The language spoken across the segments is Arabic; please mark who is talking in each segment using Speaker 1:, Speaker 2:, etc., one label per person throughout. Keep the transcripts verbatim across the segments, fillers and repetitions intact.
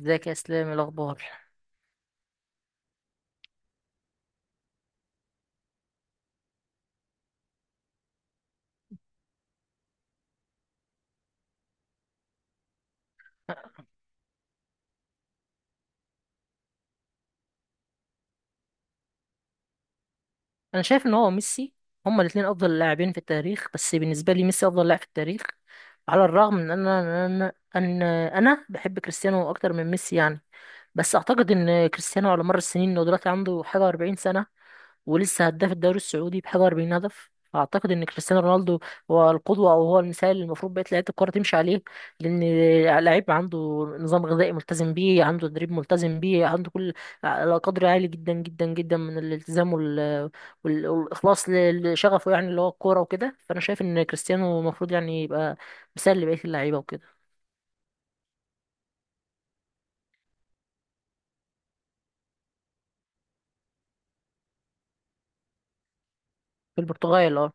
Speaker 1: ازيك يا اسلام، إيه الاخبار؟ انا شايف ان هو ميسي. هما الاثنين افضل لاعبين في التاريخ، بس بالنسبه لي ميسي افضل لاعب في التاريخ. على الرغم من ان انا انا ان انا بحب كريستيانو اكتر من ميسي يعني. بس اعتقد ان كريستيانو على مر السنين، انه دلوقتي عنده حاجه و40 سنه، ولسه هداف الدوري السعودي بحاجة أربعين هدف. فأعتقد إن كريستيانو رونالدو هو القدوة أو هو المثال اللي المفروض بقية لعيبة الكرة تمشي عليه. لأن لعيب عنده نظام غذائي ملتزم بيه، عنده تدريب ملتزم بيه، عنده كل قدر عالي جدا جدا جدا من الالتزام وال... وال... والإخلاص ل- لشغفه يعني اللي هو الكورة وكده. فأنا شايف إن كريستيانو المفروض يعني يبقى مثال لبقية اللعيبة وكده. في البرتغال اه.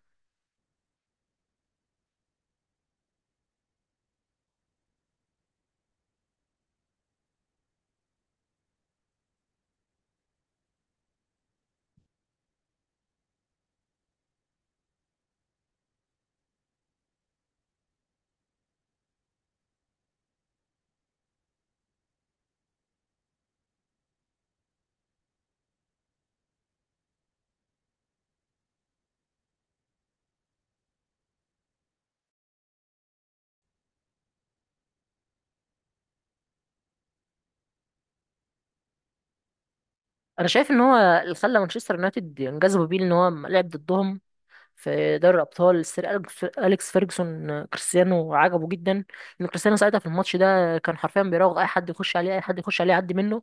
Speaker 1: أنا شايف إن هو اللي خلى مانشستر يونايتد ينجذبوا بيه إن هو لعب ضدهم في دوري الابطال. السير اليكس أليكس فيرجسون، آه، كريستيانو عجبه جدا. ان كريستيانو ساعتها في الماتش ده كان حرفيا بيراوغ اي حد يخش عليه، اي حد يخش عليه يعدي منه.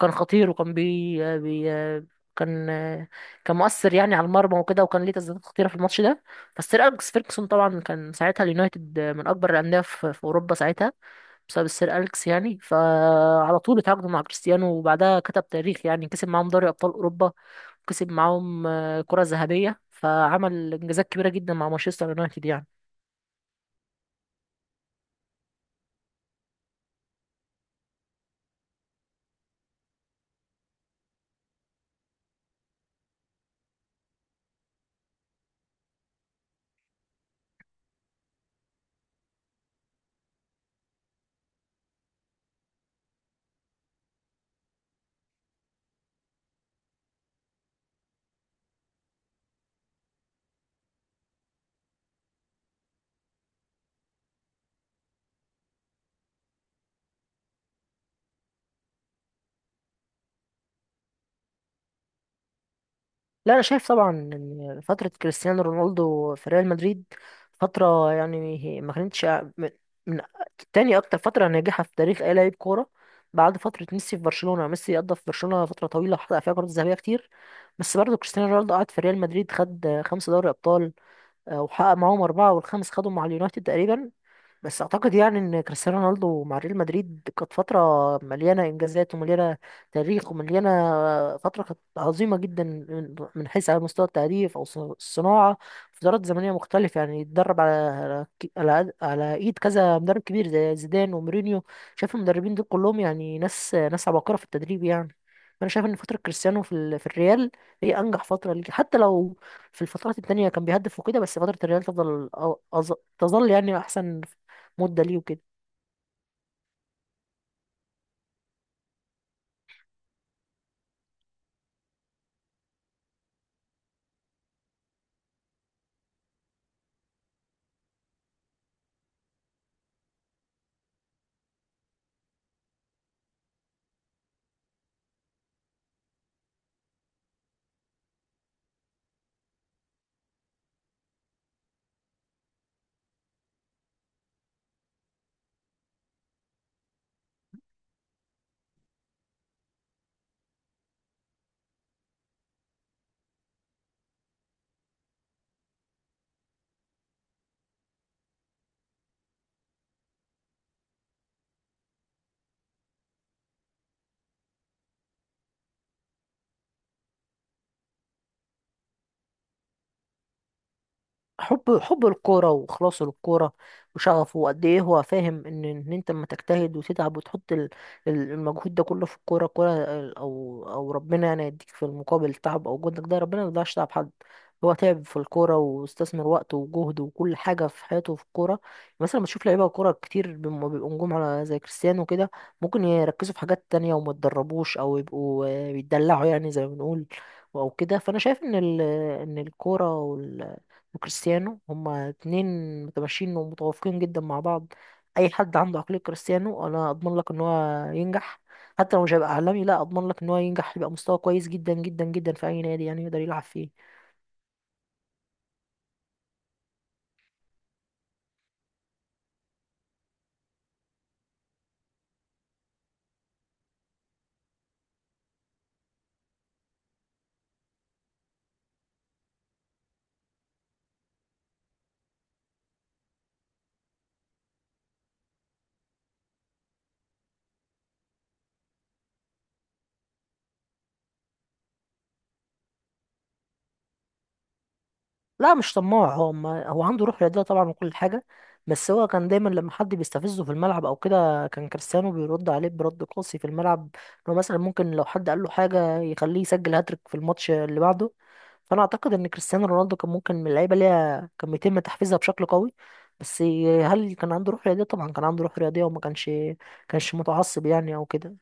Speaker 1: كان خطير، وكان بي, آه، بي آه، كان آه، كان مؤثر يعني على المرمى وكده، وكان ليه تسديدات خطيره في الماتش ده. فالسير اليكس فيرجسون طبعا كان ساعتها اليونايتد آه، من اكبر الانديه في في اوروبا ساعتها بسبب السير أليكس يعني. فعلى طول اتعاقدوا مع كريستيانو، وبعدها كتب تاريخ يعني. كسب معاهم دوري أبطال أوروبا، وكسب معاهم آه، كرة ذهبية. فعمل إنجازات كبيرة جدا مع مانشستر يونايتد يعني. لا، أنا شايف طبعا إن فترة كريستيانو رونالدو في ريال مدريد فترة يعني هي- ما كانتش من من تاني أكتر فترة ناجحة في تاريخ أي لاعب كورة بعد فترة ميسي في برشلونة. ميسي قضى في برشلونة فترة طويلة، وحقق فيها كرات ذهبية كتير. بس برضه كريستيانو رونالدو قعد في ريال مدريد، خد خمسة دوري أبطال. آه، وحقق معاهم أربعة، والخامس خدهم مع اليونايتد تقريبا. بس اعتقد يعني ان كريستيانو رونالدو مع ريال مدريد كانت فتره مليانه انجازات، ومليانه تاريخ، ومليانه... فتره كانت عظيمه جدا، من من حيث على مستوى التهديف او الص- الصناعه في فترات زمنيه مختلفه يعني. اتدرب على على ك- على على ايد كذا مدرب كبير زي زيدان ومورينيو. شايف المدربين دول كلهم يعني ناس ناس عباقره في التدريب يعني. فانا شايف ان فتره كريستيانو في ال... في الريال هي انجح فتره ليه. حتى لو في الفترات التانية كان بيهدف وكده، بس فترة الريال تفضل أو- أظ- تظل يعني أحسن مده ليه وكده. حب حب الكوره وخلاصه للكوره، وشغفه، وقد ايه هو فاهم ان ان انت لما تجتهد وتتعب وتحط ال- ال- المجهود ده كله في الكوره، الكوره ال- او او ربنا يعني يديك في المقابل تعب، او جهدك ده ربنا ما يضيعش تعب حد. هو تعب في الكوره، واستثمر وقته وجهده وكل حاجه في حياته في الكوره. مثلا بتشوف لعيبه كوره كتير بم- بيبقوا نجوم على زي كريستيانو كده، ممكن يركزوا في حاجات تانية وما يتدربوش، او يبقوا آه، بيتدلعوا يعني زي ما بنقول او كده. فانا شايف ان ال- ان الكوره وكريستيانو هما اتنين متماشيين ومتوافقين جدا مع بعض. اي حد عنده عقلية كريستيانو، انا اضمن لك ان هو ينجح. حتى لو مش هيبقى عالمي، لا اضمن لك ان هو ينجح، يبقى مستوى كويس جدا جدا جدا في اي نادي يعني يقدر يلعب فيه. لا، مش طماع. هو ما هو عنده روح رياضية طبعا وكل حاجة. بس هو كان دايما لما حد بيستفزه في الملعب او كده، كان كريستيانو بيرد عليه برد قاسي في الملعب. انه مثلا ممكن لو حد قال له حاجة، يخليه يسجل هاتريك في الماتش اللي بعده. فانا اعتقد ان كريستيانو رونالدو كان ممكن من اللعيبة ليها كان بيتم تحفيزها بشكل قوي. بس هل كان عنده روح رياضية؟ طبعا كان عنده روح رياضية، وما كانش كانش متعصب يعني او كده.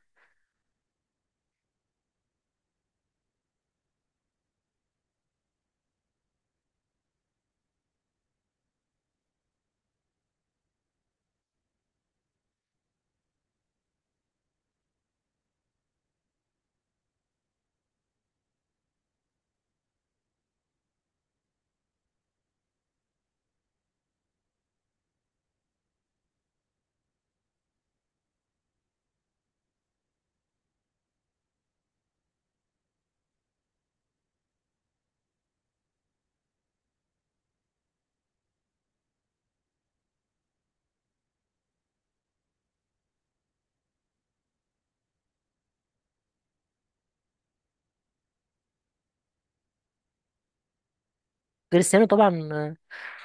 Speaker 1: كريستيانو طبعا، آه،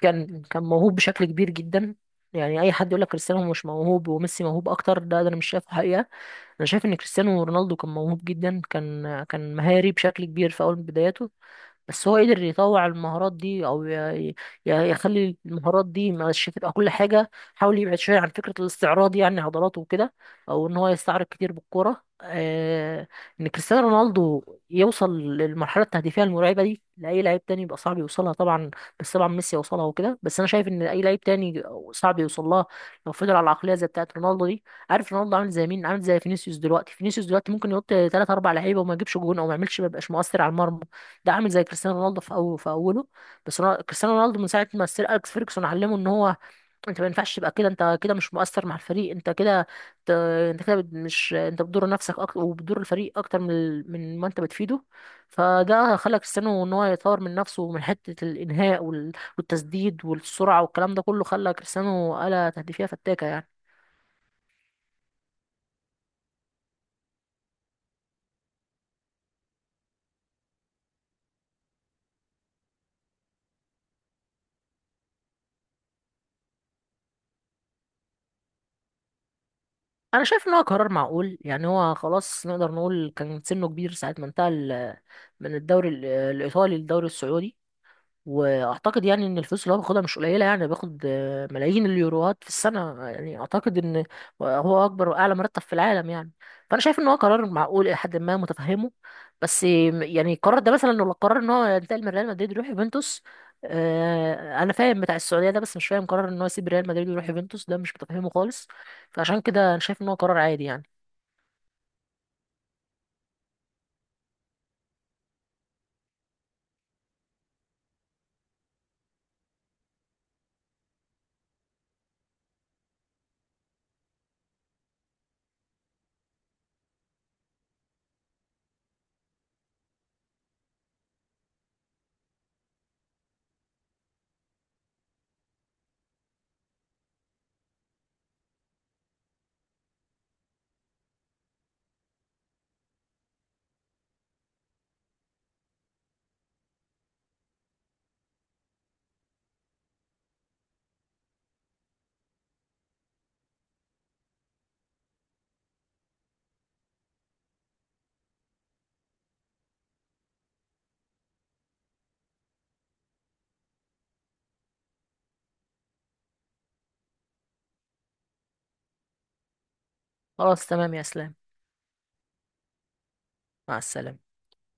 Speaker 1: كان كان موهوب بشكل كبير جدا يعني. اي حد يقول لك كريستيانو مش موهوب وميسي موهوب اكتر، ده, ده انا مش شايفه حقيقه. انا شايف ان كريستيانو رونالدو كان موهوب جدا، كان كان مهاري بشكل كبير في اول بداياته. بس هو قدر يطوع المهارات دي، او ي- ي- يخلي المهارات دي مش تبقى كل حاجه. حاول يبعد شويه عن فكره الاستعراض يعني، عضلاته وكده، او ان هو يستعرض كتير بالكوره. آه ان كريستيانو رونالدو يوصل للمرحله التهديفيه المرعبه دي، لاي لعيب تاني يبقى صعب يوصلها طبعا. بس طبعا ميسي يوصلها وكده. بس انا شايف ان اي لعيب تاني صعب يوصلها لو فضل على العقليه زي بتاعه رونالدو دي. عارف رونالدو عامل زي مين؟ عامل زي فينيسيوس دلوقتي. فينيسيوس دلوقتي ممكن يحط ثلاثة أربعة لعيبه وما يجيبش جون، او ما يعملش، ما يبقاش مؤثر على المرمى. ده عامل زي كريستيانو رونالدو في أول في أوله. بس رونا- كريستيانو رونالدو من ساعة ما السير أليكس فيرجسون علمه إن هو أنت ما ينفعش تبقى كده. أنت كده مش مؤثر مع الفريق. أنت كده ت- أنت كده بت- مش أنت بتضر نفسك أكتر، وبتضر الفريق أكتر من ال- من ما أنت بتفيده. فده خلى كريستيانو إن هو يطور من نفسه من حتة الإنهاء وال- والتسديد والسرعة والكلام ده كله. خلى كريستيانو آلة تهديفية فتاكة يعني. انا شايف ان هو قرار معقول يعني. هو خلاص نقدر نقول كان سنه كبير ساعة ما انتقل من الدوري ال- الايطالي للدوري السعودي. واعتقد يعني ان الفلوس اللي هو بياخدها مش قليله يعني. بياخد آه، ملايين اليوروات في السنه يعني. اعتقد ان هو اكبر واعلى مرتب في العالم يعني. فانا شايف ان هو قرار معقول الى حد ما متفهمه. بس م- يعني القرار ده مثلا لو قرر ان هو ينتقل من ريال مدريد يروح يوفنتوس، آه، انا فاهم بتاع السعوديه ده، بس مش فاهم قرار ان هو يسيب ريال مدريد ويروح يوفنتوس. ده مش متفهمه خالص. فعشان كده انا شايف ان هو قرار عادي يعني. خلاص، تمام يا اسلام. مع السلامه.